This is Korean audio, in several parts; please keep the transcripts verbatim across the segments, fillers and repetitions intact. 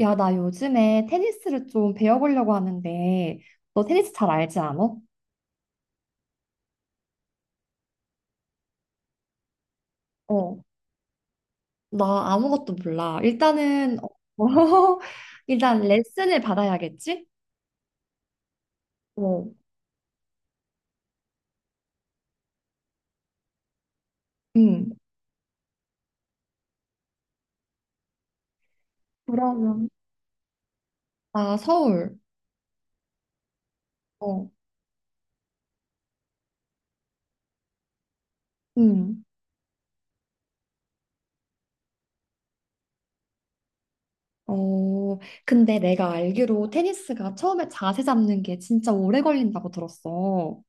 야, 나 요즘에 테니스를 좀 배워보려고 하는데, 너 테니스 잘 알지 않아? 어, 나 아무것도 몰라. 일단은, 어, 일단 레슨을 받아야겠지? 어, 응. 그러면. 아, 서울. 어, 응. 어, 근데 내가 알기로 테니스가 처음에 자세 잡는 게 진짜 오래 걸린다고 들었어.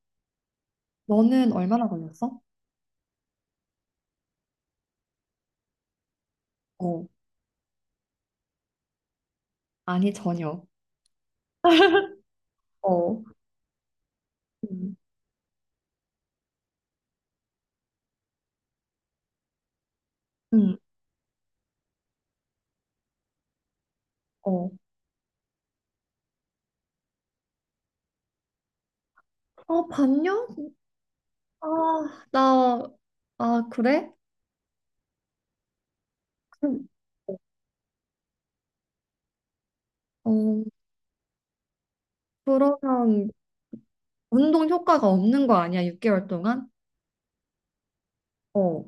너는 얼마나 걸렸어? 어, 아니, 전혀. 어, 응, 응, 어. 아, 반년? 아, 나, 아, 그래? 그럼, 어, 그러면 운동 효과가 없는 거 아니야, 육 개월 동안? 어,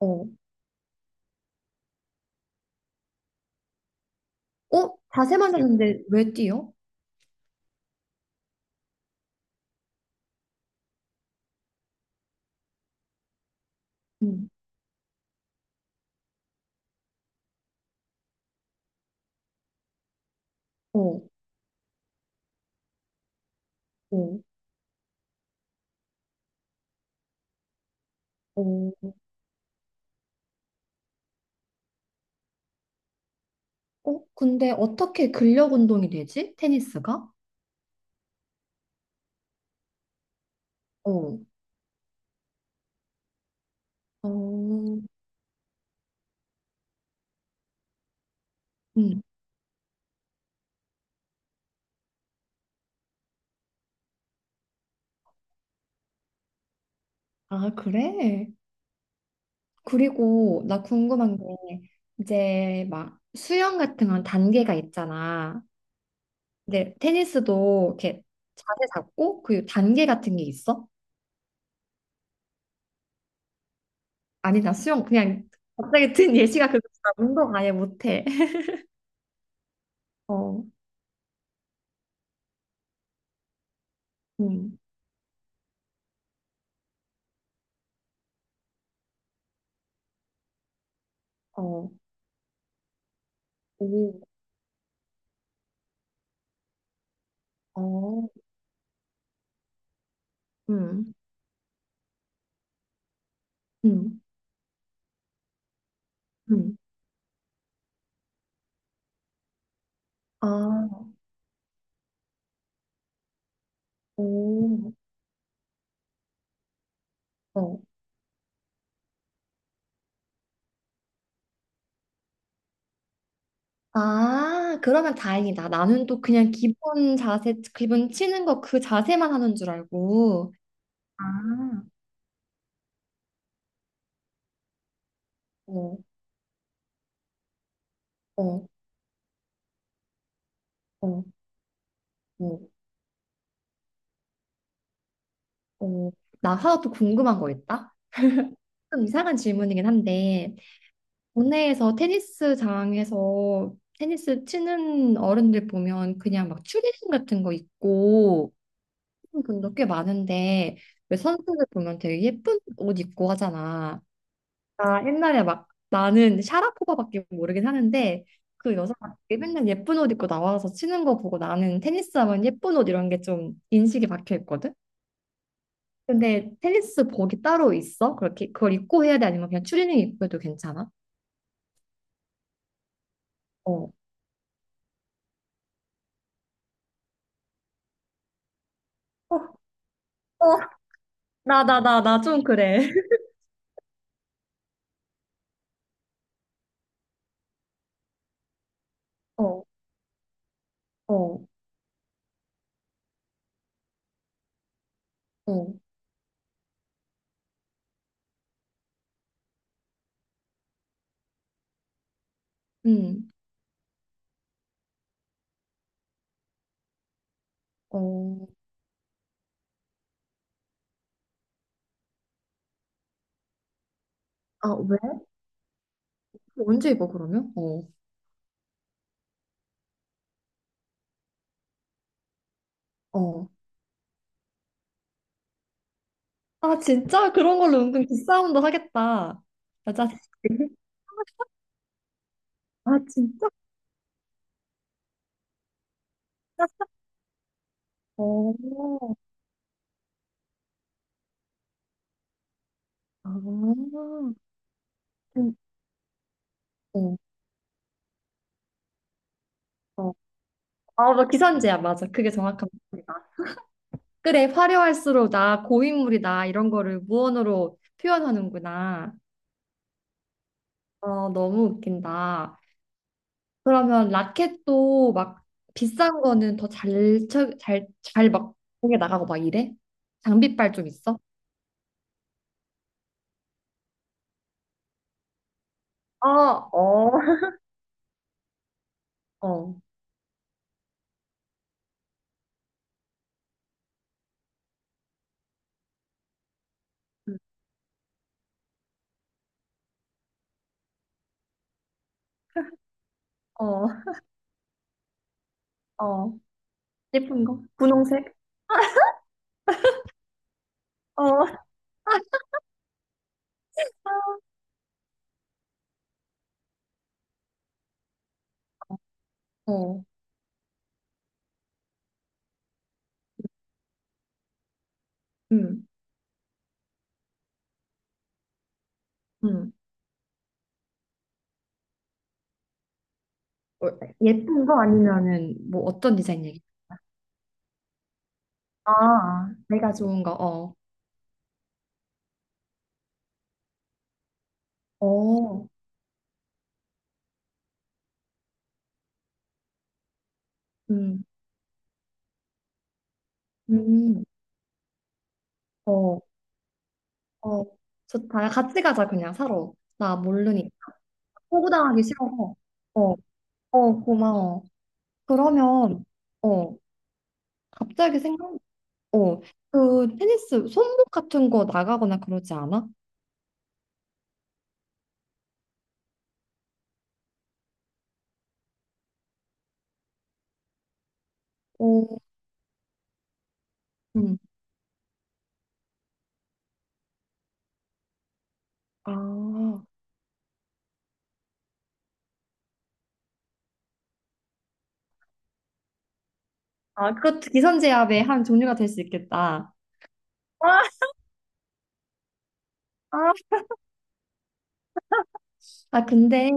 어. 어? 자세만 잡는데 왜 뛰어? 응, 어, 어, 어. 어? 근데 어떻게 근력 운동이 되지? 테니스가? 어, 어, 응. 아, 그래? 그리고 나 궁금한 게 이제 막 수영 같은 건 단계가 있잖아. 근데 테니스도 이렇게 자세 잡고 그 단계 같은 게 있어? 아니, 나 수영 그냥 갑자기 든 예시가 그거나, 운동 아예 못해. 어, 음, 어, 오, 어, 음, 음, 음, 아, 오, 어. 아, 그러면 다행이다. 나는 또 그냥 기본 자세, 기본 치는 거 그 자세만 하는 줄 알고. 아, 어, 어, 어, 어, 어. 나 하나 또 궁금한 거 있다? 좀 이상한 질문이긴 한데, 국내에서 테니스장에서 테니스 치는 어른들 보면 그냥 막 추리닝 같은 거 입고 하는 분도 꽤 많은데 왜 선수들 보면 되게 예쁜 옷 입고 하잖아. 나 옛날에 막 나는 샤라포바밖에 모르긴 하는데 그 여자가 되게 맨날 예쁜 옷 입고 나와서 치는 거 보고, 나는 테니스 하면 예쁜 옷 이런 게 좀 인식이 박혀 있거든. 근데 테니스 복이 따로 있어? 그렇게 그걸 입고 해야 돼? 아니면 그냥 추리닝 입고 해도 괜찮아? 어. 어, 나, 나, 나, 나 좀 그래. 어, 어, 어, 음. 어. 아, 왜? 언제 입어, 그러면? 어, 어. 아, 진짜? 그런 걸로 은근 기싸움도 하겠다. 맞아. 아, 진짜? 어, 아, 음, 어, 어. 아, 너 기선제야. 맞아. 그게 정확한 말이다. 그래, 화려할수록 나 고인물이다. 이런 거를 무언으로 표현하는구나. 어, 너무 웃긴다. 그러면 라켓도 막 비싼 거는 더 잘, 쳐- 잘, 잘 막, 공에 나가고 막 이래? 장비빨 좀 있어? 어, 어, 어. 음, 어, 어. 예쁜 거? 분홍색? 어, 어. 음, 음. 어, 예쁜 거 아니면은 뭐 어떤 디자인 얘기? 아, 아. 내가 좋은 거, 어. 어, 음, 음, 어, 어. 좋다. 같이 가자, 그냥 사러. 나 모르니까. 호구당하기 싫어서. 어. 어, 고마워. 그러면, 어, 갑자기 생각, 어, 그 테니스 손목 같은 거 나가거나 그러지 않아? 어, 음. 아, 아, 그것도 기선제압의 한 종류가 될 수 있겠다. 아, 아, 아, 근데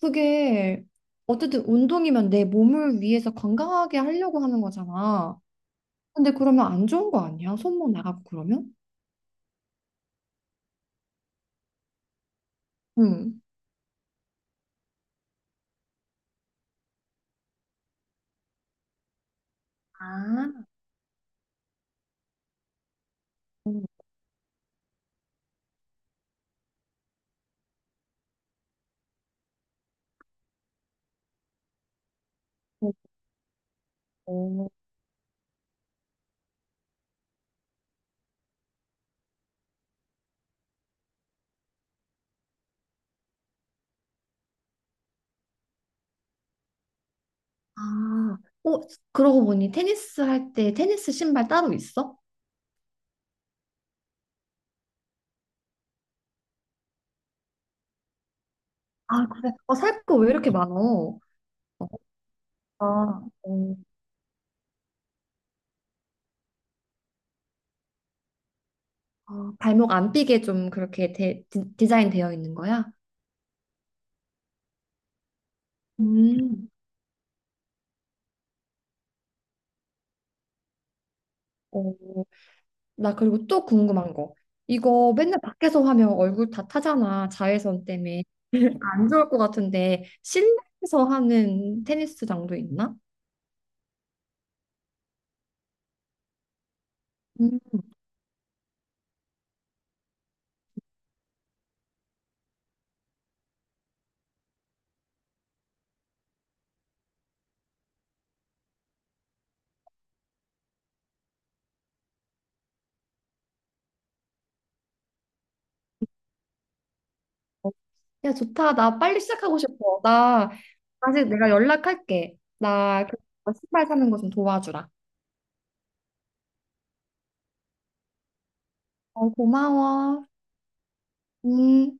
그게 어쨌든 운동이면 내 몸을 위해서 건강하게 하려고 하는 거잖아. 근데 그러면 안 좋은 거 아니야? 손목 나가고 그러면? 응. 아, 어, 아, 어, 그러고 보니 테니스 할 때 테니스 신발 따로 있어? 아, 그래. 어, 살 거 왜 이렇게 많어? 어, 아, 어, 아, 발목 안 삐게 좀 그렇게 데, 디, 디자인 되어 있는 거야? 음. 어, 나 그리고 또 궁금한 거. 이거 맨날 밖에서 하면 얼굴 다 타잖아. 자외선 때문에. 안 좋을 것 같은데 실내에서 하는 테니스장도 있나? 음. 야, 좋다. 나 빨리 시작하고 싶어. 나 아직 내가 연락할게. 나 그- 신발 사는 거 좀 도와주라. 어, 고마워. 음.